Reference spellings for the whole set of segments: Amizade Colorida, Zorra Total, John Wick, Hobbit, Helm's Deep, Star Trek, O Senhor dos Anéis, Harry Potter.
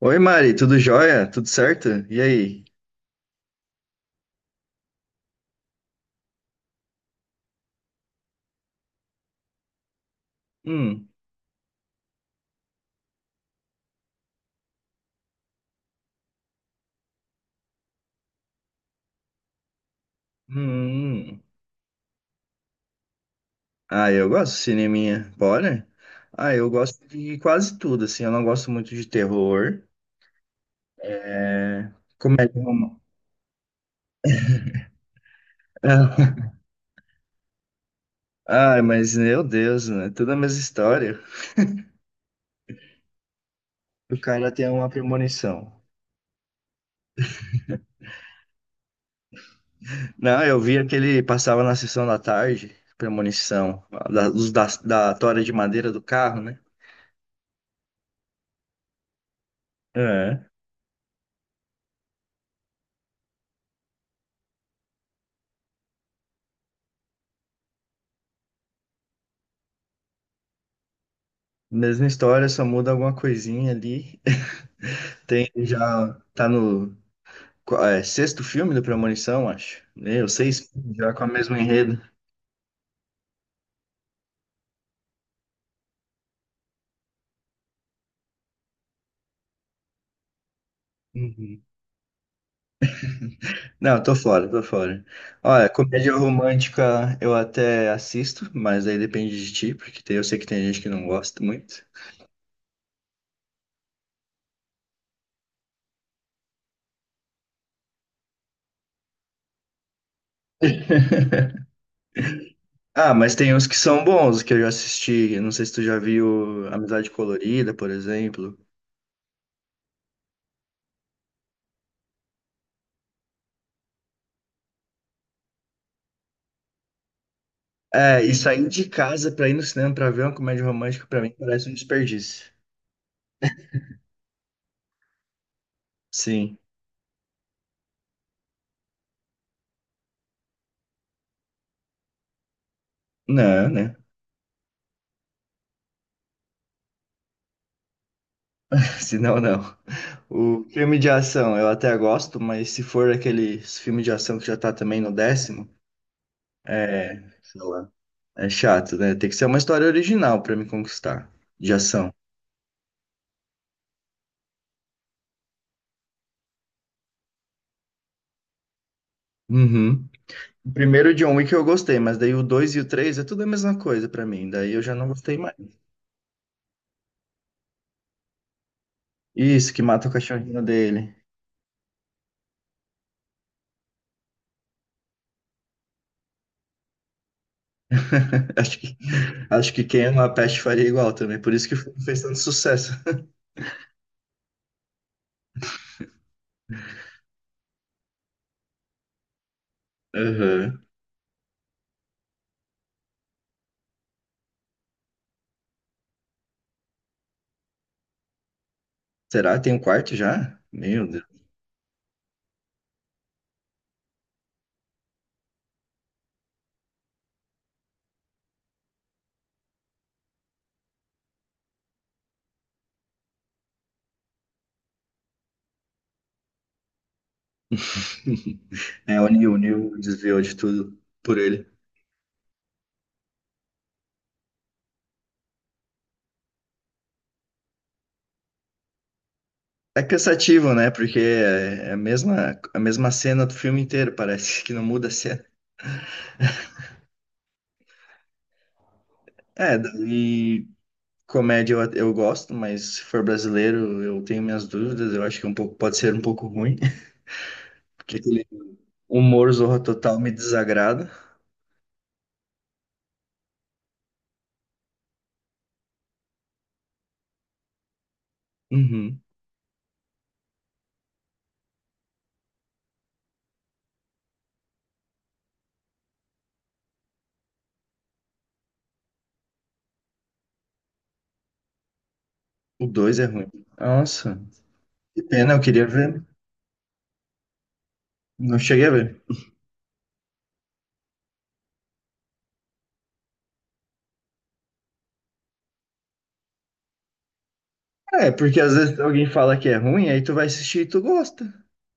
Oi, Mari, tudo jóia? Tudo certo? E aí? Hum, hum, hum. Ah, eu gosto de cineminha. Bora? Ah, eu gosto de quase tudo, assim. Eu não gosto muito de terror, é, comédia romântica. Ah, mas meu Deus, né? Tudo a mesma história. O cara tem uma premonição. Não, eu vi aquele passava na sessão da tarde, premonição, da tora de madeira do carro, né? É. Mesma história, só muda alguma coisinha ali. Tem já tá no sexto filme do Premonição, acho. Meu, seis filmes já com a mesma enredo. Uhum. Não, tô fora, tô fora. Olha, comédia romântica eu até assisto, mas aí depende de ti, porque eu sei que tem gente que não gosta muito. Ah, mas tem uns que são bons, que eu já assisti. Eu não sei se tu já viu Amizade Colorida, por exemplo. É, e sair de casa pra ir no cinema pra ver uma comédia romântica, pra mim, parece um desperdício. Sim. Não, né? Se não, não. O filme de ação eu até gosto, mas se for aqueles filme de ação que já tá também no 10º, sei lá, é chato, né? Tem que ser uma história original pra me conquistar, de ação. Uhum. O primeiro John Wick eu gostei, mas daí o 2 e o 3 é tudo a mesma coisa pra mim, daí eu já não gostei mais. Isso, que mata o cachorrinho dele. Acho que, acho que quem ama a peste faria igual também, por isso que fez tanto sucesso. Uhum. Será? Tem um quarto já? Meu Deus. É, o Neil desviou de tudo por ele. É cansativo, né? Porque é a mesma cena do filme inteiro, parece que não muda a cena. É, daí comédia eu gosto, mas se for brasileiro eu tenho minhas dúvidas, eu acho que é um pouco, pode ser um pouco ruim, porque aquele humor Zorra Total me desagrada. Uhum. O 2 é ruim. Nossa, que pena, eu queria ver. Não cheguei a ver. É, porque às vezes alguém fala que é ruim, aí tu vai assistir e tu gosta,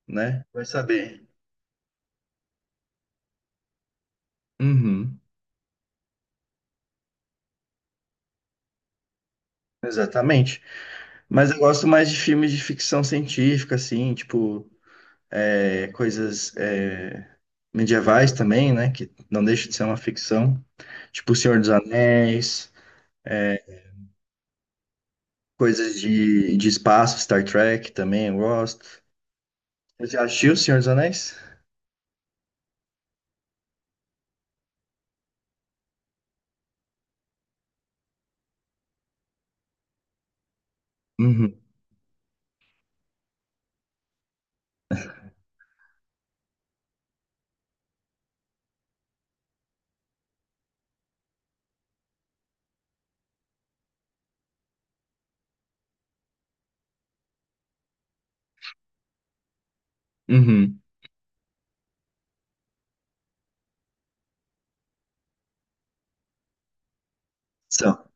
né? Vai saber. Uhum. Exatamente. Mas eu gosto mais de filmes de ficção científica, assim, tipo, coisas medievais também, né? Que não deixa de ser uma ficção. Tipo O Senhor dos Anéis, é, coisas de espaço, Star Trek também eu gosto. Você já assistiu O Senhor dos Anéis? Uhum. Uhum. São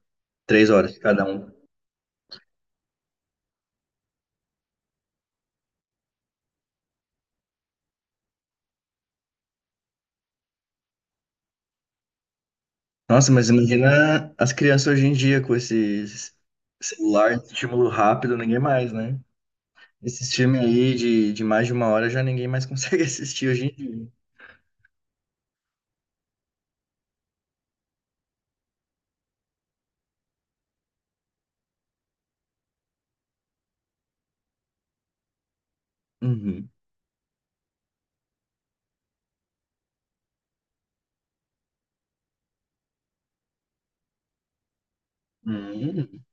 3 horas cada um. Nossa, mas imagina as crianças hoje em dia com esse celular, estímulo rápido, ninguém mais, né? Esses filmes aí de mais de uma hora já ninguém mais consegue assistir hoje em dia. Uhum. Uhum.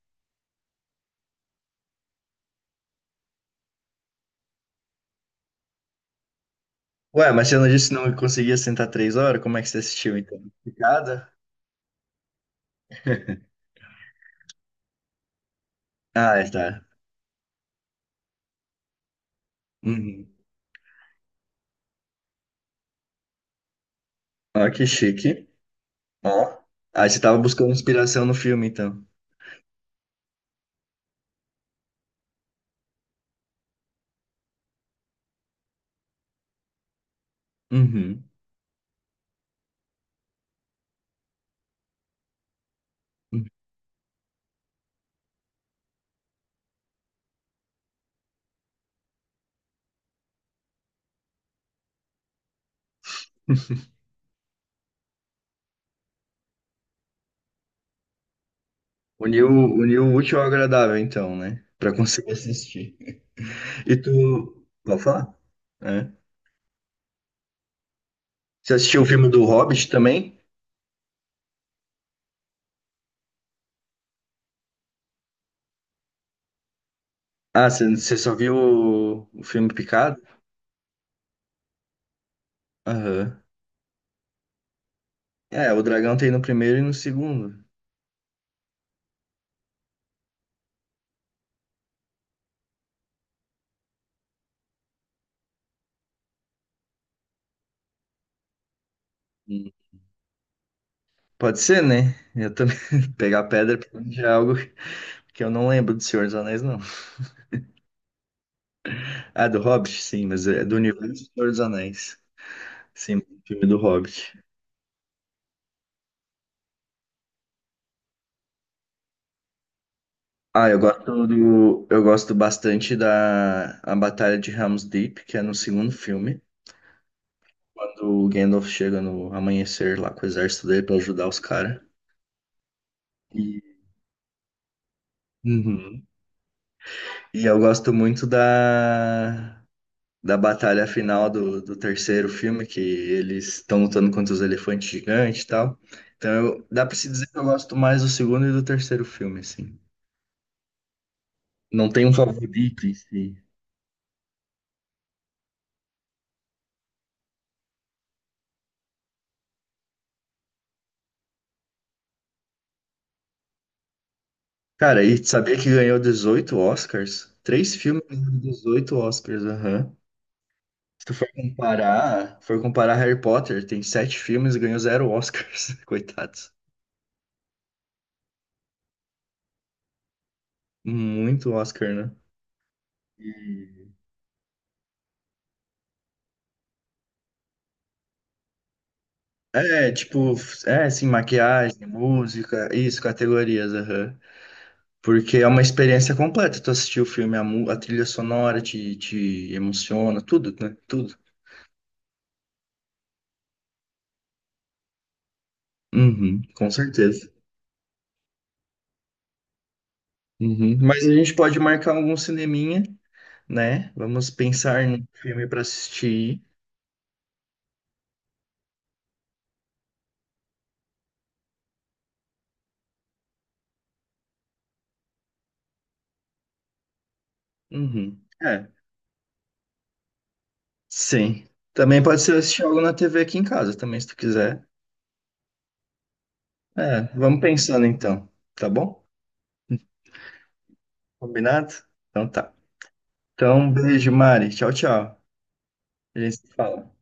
Ué, mas você não disse que não conseguia sentar 3 horas? Como é que você assistiu então? Picada? Ah, é, tá. Uhum. Ó, que chique. Ó. Ah, você tava buscando inspiração no filme então. Uhum. Uhum. Uniu, uniu o útil ao agradável então, né? Pra conseguir assistir. E tu. Pode falar? É. Você assistiu o filme do Hobbit também? Ah, você só viu o filme Picado? Aham. É, o dragão tem no primeiro e no segundo. Hum. Pode ser, né? Eu também. Pegar pedra pra mim já é algo que eu não lembro do Senhor dos Anéis, não. Ah, do Hobbit, sim, mas é do universo do Senhor dos Anéis. Sim, filme do Hobbit. Ah, eu gosto bastante da a Batalha de Helm's Deep, que é no segundo filme, quando o Gandalf chega no amanhecer lá com o exército dele pra ajudar os caras. E, Uhum. E eu gosto muito da batalha final do terceiro filme, que eles estão lutando contra os elefantes gigantes e tal. Então, dá pra se dizer que eu gosto mais do segundo e do terceiro filme, assim. Não tem um favorito em si. Cara, e sabia que ganhou 18 Oscars? Três filmes ganhando 18 Oscars, aham. Se tu for comparar Harry Potter, tem sete filmes e ganhou zero Oscars. Coitados. Muito Oscar, né? E- É, tipo, assim, maquiagem, música, isso, categorias, aham. Porque é uma experiência completa. Tu assistiu o filme, a trilha sonora te emociona, tudo, né? Tudo. Uhum, com certeza. Uhum. Mas a gente pode marcar algum cineminha, né? Vamos pensar num filme para assistir. Uhum. É, sim. Também pode ser assistir algo na TV aqui em casa, também, se tu quiser. É, vamos pensando então, tá bom? Combinado? Então tá. Então, beijo, Mari. Tchau, tchau. A gente se fala.